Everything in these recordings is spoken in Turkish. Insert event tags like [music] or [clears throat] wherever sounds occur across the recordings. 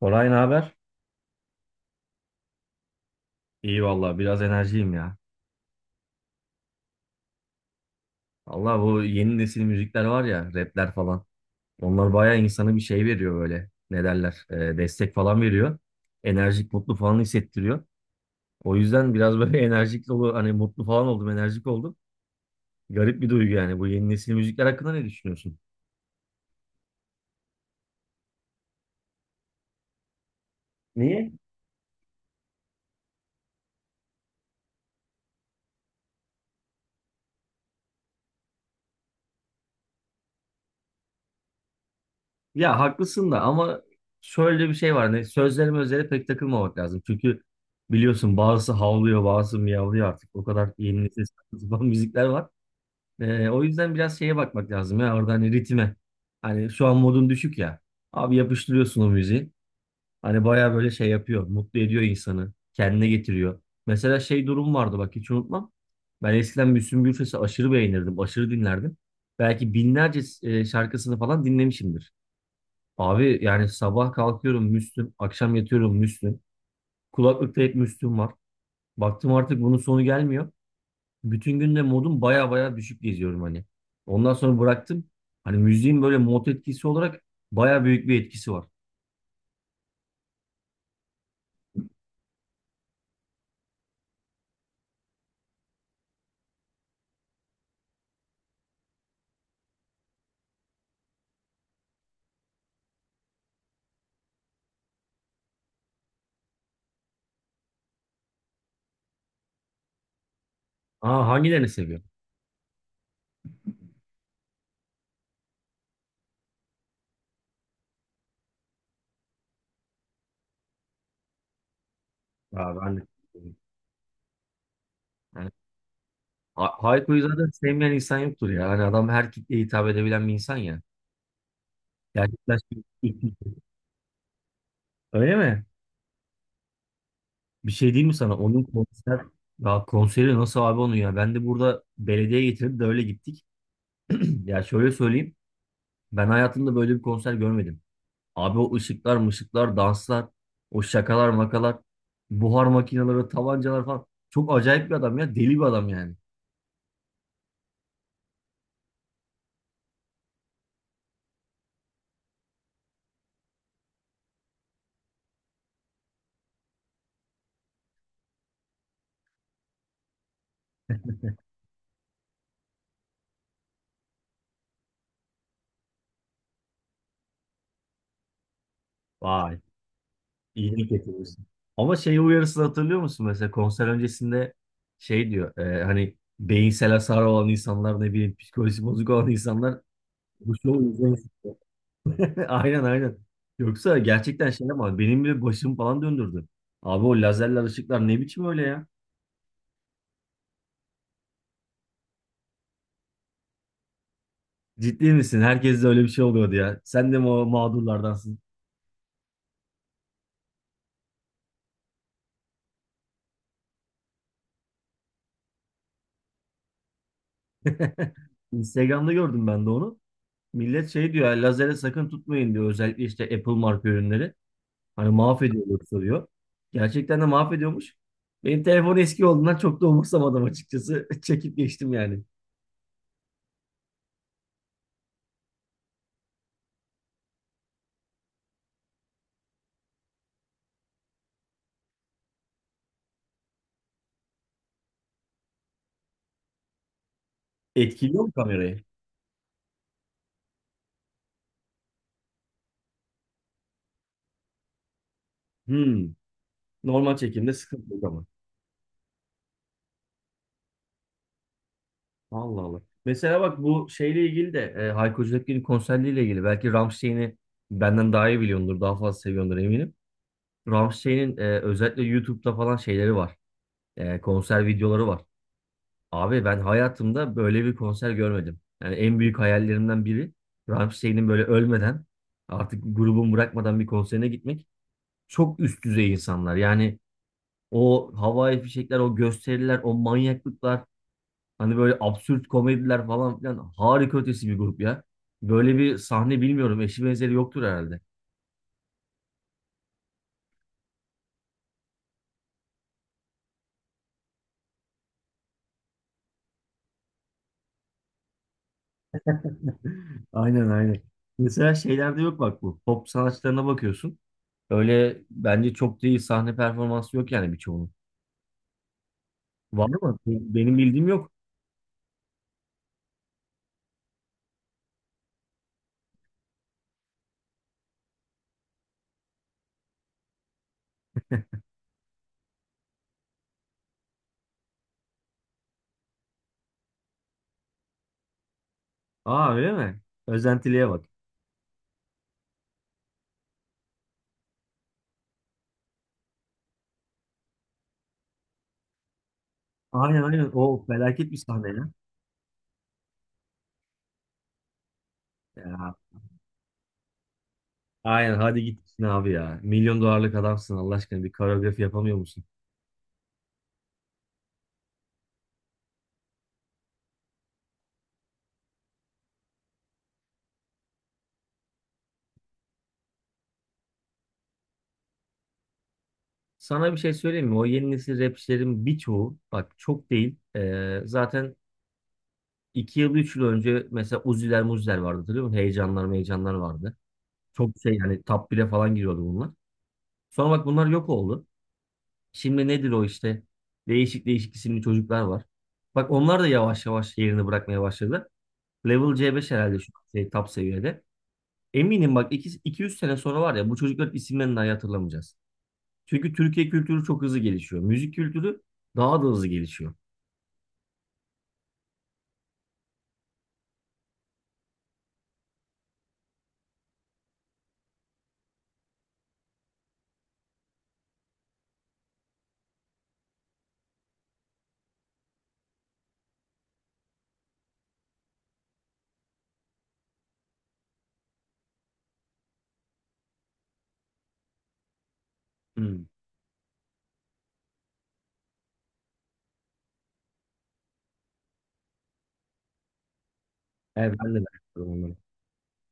Koray ne haber? İyi valla biraz enerjiyim ya. Allah bu yeni nesil müzikler var ya rapler falan. Onlar bayağı insana bir şey veriyor böyle. Ne derler? Destek falan veriyor. Enerjik mutlu falan hissettiriyor. O yüzden biraz böyle [laughs] enerjik dolu hani mutlu falan oldum enerjik oldum. Garip bir duygu yani, bu yeni nesil müzikler hakkında ne düşünüyorsun? Niye? Ya haklısın da ama şöyle bir şey var. Ne, sözlerime özele pek takılmamak lazım. Çünkü biliyorsun bazısı havlıyor bazısı miyavlıyor artık. O kadar yeni nesil [laughs] saçma sapan müzikler var. O yüzden biraz şeye bakmak lazım ya, orada hani ritme. Hani şu an modun düşük ya. Abi yapıştırıyorsun o müziği. Hani baya böyle şey yapıyor. Mutlu ediyor insanı. Kendine getiriyor. Mesela şey durum vardı, bak hiç unutmam. Ben eskiden Müslüm Gürses'i aşırı beğenirdim. Aşırı dinlerdim. Belki binlerce şarkısını falan dinlemişimdir. Abi yani sabah kalkıyorum Müslüm. Akşam yatıyorum Müslüm. Kulaklıkta hep Müslüm var. Baktım artık bunun sonu gelmiyor. Bütün günde modum baya baya düşük geziyorum hani. Ondan sonra bıraktım. Hani müziğin böyle mod etkisi olarak baya büyük bir etkisi var. Aa hangilerini seviyorum? Aa ben de. Yani, Hayko'yu zaten sevmeyen insan yoktur ya. Hani adam her kitleye hitap edebilen bir insan ya. Gerçekten şey- öyle mi? Bir şey diyeyim mi sana? Onun konser ya, konseri nasıl abi onun ya? Ben de burada belediye getirip de öyle gittik. [clears throat] Ya şöyle söyleyeyim. Ben hayatımda böyle bir konser görmedim. Abi o ışıklar mışıklar, danslar, o şakalar makalar, buhar makineleri, tabancalar falan. Çok acayip bir adam ya. Deli bir adam yani. Vay. İyilik getirmişsin. Ama şey uyarısını hatırlıyor musun? Mesela konser öncesinde şey diyor. Hani beyinsel hasar olan insanlar, ne bileyim psikolojisi bozuk olan insanlar bu şovu izlemesin. [laughs] Aynen aynen. Yoksa gerçekten şey, ama benim bile başım falan döndürdü. Abi o lazerler ışıklar ne biçim öyle ya? Ciddi misin? Herkes de öyle bir şey oluyordu ya. Sen de mi o mağdurlardansın? Instagram'da gördüm ben de onu. Millet şey diyor, "Yani lazere sakın tutmayın diyor. Özellikle işte Apple marka ürünleri. Hani mahvediyor yoksa diyor. Gerçekten de mahvediyormuş. Benim telefon eski olduğundan çok da umursamadım açıkçası. [laughs] Çekip geçtim yani. Etkiliyor mu kamerayı? Hmm. Normal çekimde sıkıntı yok ama. Allah Allah. Mesela bak bu şeyle ilgili de Hayko Cepkin'in konserleriyle ilgili. Belki Rammstein'i benden daha iyi biliyordur. Daha fazla seviyordur eminim. Rammstein'in özellikle YouTube'da falan şeyleri var. Konser videoları var. Abi ben hayatımda böyle bir konser görmedim. Yani en büyük hayallerimden biri Rammstein'in böyle ölmeden, artık grubun bırakmadan bir konserine gitmek. Çok üst düzey insanlar. Yani o havai fişekler, o gösteriler, o manyaklıklar, hani böyle absürt komediler falan filan, harika ötesi bir grup ya. Böyle bir sahne bilmiyorum. Eşi benzeri yoktur herhalde. [laughs] Aynen aynen. Mesela şeylerde yok bak bu. Pop sanatçılarına bakıyorsun. Öyle bence çok değil, sahne performansı yok yani birçoğunun. Var mı? Benim bildiğim yok. [laughs] Aa öyle mi? Özentiliğe bak. Aynen aynen. O felaket bir sahne ya. Ya, aynen hadi git gitsin abi ya. Milyon dolarlık adamsın Allah aşkına, bir koreografi yapamıyor musun? Sana bir şey söyleyeyim mi? O yeni nesil rapçilerin birçoğu bak çok değil. Zaten iki yıl üç yıl önce mesela Uzi'ler Muzi'ler vardı, hatırlıyor musun? Heyecanlar meyecanlar vardı. Çok şey yani, top 1'e falan giriyordu bunlar. Sonra bak bunlar yok oldu. Şimdi nedir o işte? Değişik değişik isimli çocuklar var. Bak onlar da yavaş yavaş yerini bırakmaya başladı. Level C5 herhalde şu an şey, top seviyede. Eminim bak 200 sene sonra var ya, bu çocukların isimlerini dahi hatırlamayacağız. Çünkü Türkiye kültürü çok hızlı gelişiyor. Müzik kültürü daha da hızlı gelişiyor. Hmm. Evet ben de merak ediyorum onları.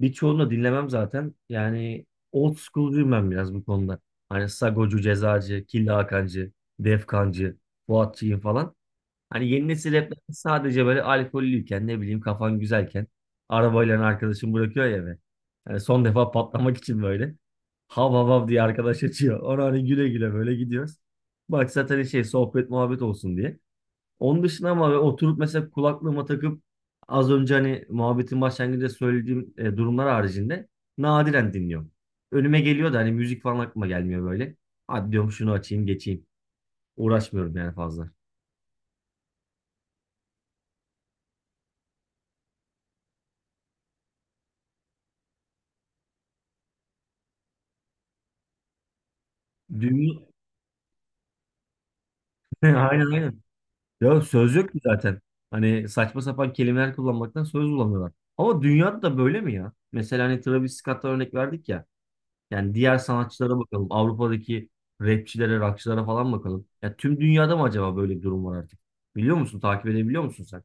Birçoğunu da dinlemem zaten. Yani old school'cuyum ben biraz bu konuda. Hani Sagocu, Cezacı, Killa Hakancı, Defkancı, Fuatçı'yım falan. Hani yeni nesil rapler sadece böyle alkollüyken, ne bileyim kafan güzelken, arabayla hani arkadaşın bırakıyor ya eve. Hani son defa patlamak için böyle. Hav hav hav diye arkadaş açıyor. Ona hani güle güle böyle gidiyoruz. Bak zaten şey sohbet muhabbet olsun diye. Onun dışında ama böyle oturup mesela kulaklığıma takıp, az önce hani muhabbetin başlangıcında söylediğim durumlar haricinde nadiren dinliyorum. Önüme geliyor da hani müzik falan aklıma gelmiyor böyle. Hadi diyorum şunu açayım geçeyim. Uğraşmıyorum yani fazla. Dünya... [laughs] Aynen aynen. Ya söz yok ki zaten. Hani saçma sapan kelimeler kullanmaktan söz bulamıyorlar. Ama dünyada da böyle mi ya? Mesela hani Travis Scott'a örnek verdik ya. Yani diğer sanatçılara bakalım. Avrupa'daki rapçilere, rockçılara falan bakalım. Ya tüm dünyada mı acaba böyle bir durum var artık? Biliyor musun? Takip edebiliyor musun sen?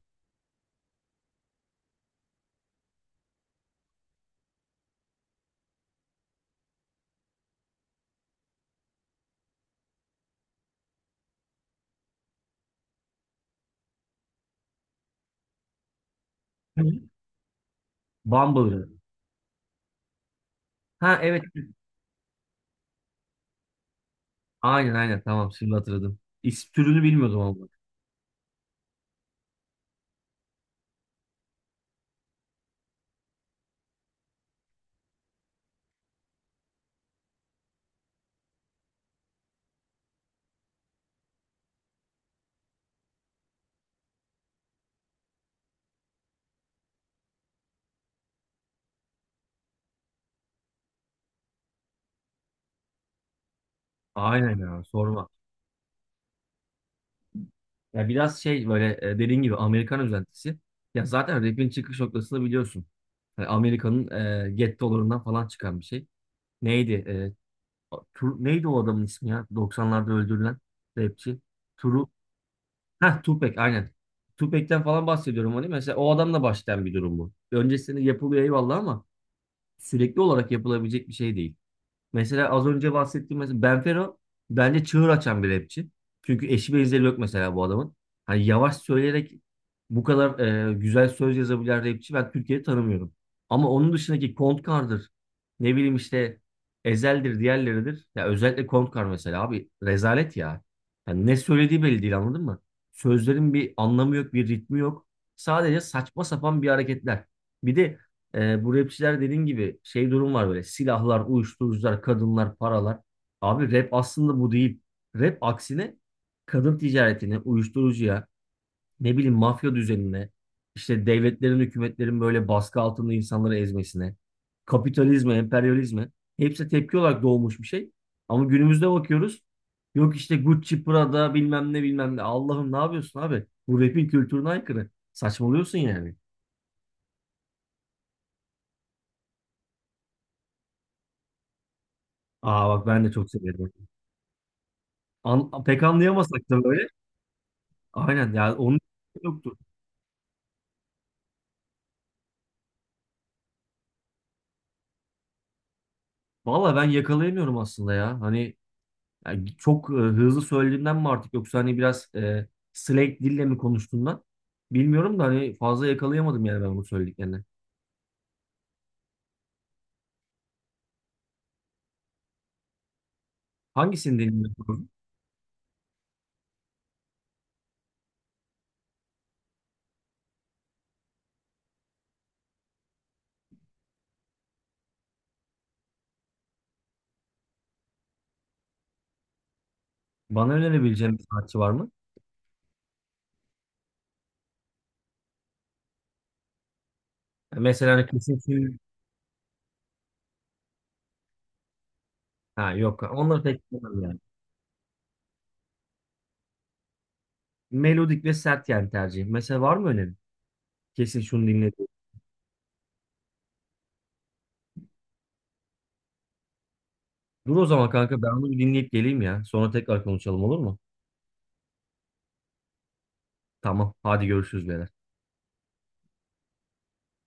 Hı. Bumble'ı. Ha evet. Aynen aynen, tamam şimdi hatırladım. İsim türünü bilmiyordum ama. Aynen ya sorma. Ya biraz şey böyle, dediğin gibi Amerikan özentisi. Ya zaten rap'in çıkış noktasını biliyorsun. Yani Amerika'nın Get Dollар'ından falan çıkan bir şey. Neydi? Neydi o adamın ismi ya? 90'larda öldürülen rapçi. Turu. Heh, Tupac aynen. Tupac'ten falan bahsediyorum hani. Mesela o adamla başlayan bir durum bu. Öncesinde yapılıyor eyvallah ama sürekli olarak yapılabilecek bir şey değil. Mesela az önce bahsettiğim, mesela Benfero bence çığır açan bir rapçi. Çünkü eşi benzeri yok mesela bu adamın. Hani yavaş söyleyerek bu kadar güzel söz yazabilen rapçi ben Türkiye'de tanımıyorum. Ama onun dışındaki Kontkar'dır. Ne bileyim işte Ezel'dir, diğerleridir. Ya özellikle Kontkar mesela abi rezalet ya. Yani ne söylediği belli değil, anladın mı? Sözlerin bir anlamı yok, bir ritmi yok. Sadece saçma sapan bir hareketler. Bir de bu rapçiler dediğin gibi şey durum var böyle: silahlar, uyuşturucular, kadınlar, paralar. Abi rap aslında bu değil. Rap aksine kadın ticaretine, uyuşturucuya, ne bileyim mafya düzenine, işte devletlerin, hükümetlerin böyle baskı altında insanları ezmesine, kapitalizme, emperyalizme, hepsi tepki olarak doğmuş bir şey. Ama günümüzde bakıyoruz. Yok işte Gucci, Prada bilmem ne bilmem ne. Allah'ım ne yapıyorsun abi? Bu rap'in kültürüne aykırı. Saçmalıyorsun yani. Aa bak ben de çok seviyorum. Pek anlayamasak da böyle. Aynen yani onun yoktu. Valla ben yakalayamıyorum aslında ya. Hani yani çok hızlı söylediğimden mi artık, yoksa hani biraz slang dille mi konuştuğumdan bilmiyorum da, hani fazla yakalayamadım yani ben bu söylediklerini. Hangisini dinliyorsun? Bana önerebileceğin bir sanatçı var mı? Ya mesela hani kesin ha yok. Onları pek bilmiyorum yani. Melodik ve sert yani tercihim. Mesela var mı önerin? Kesin şunu dinledim. Dur o zaman kanka, ben bunu bir dinleyip geleyim ya. Sonra tekrar konuşalım, olur mu? Tamam. Hadi görüşürüz beyler.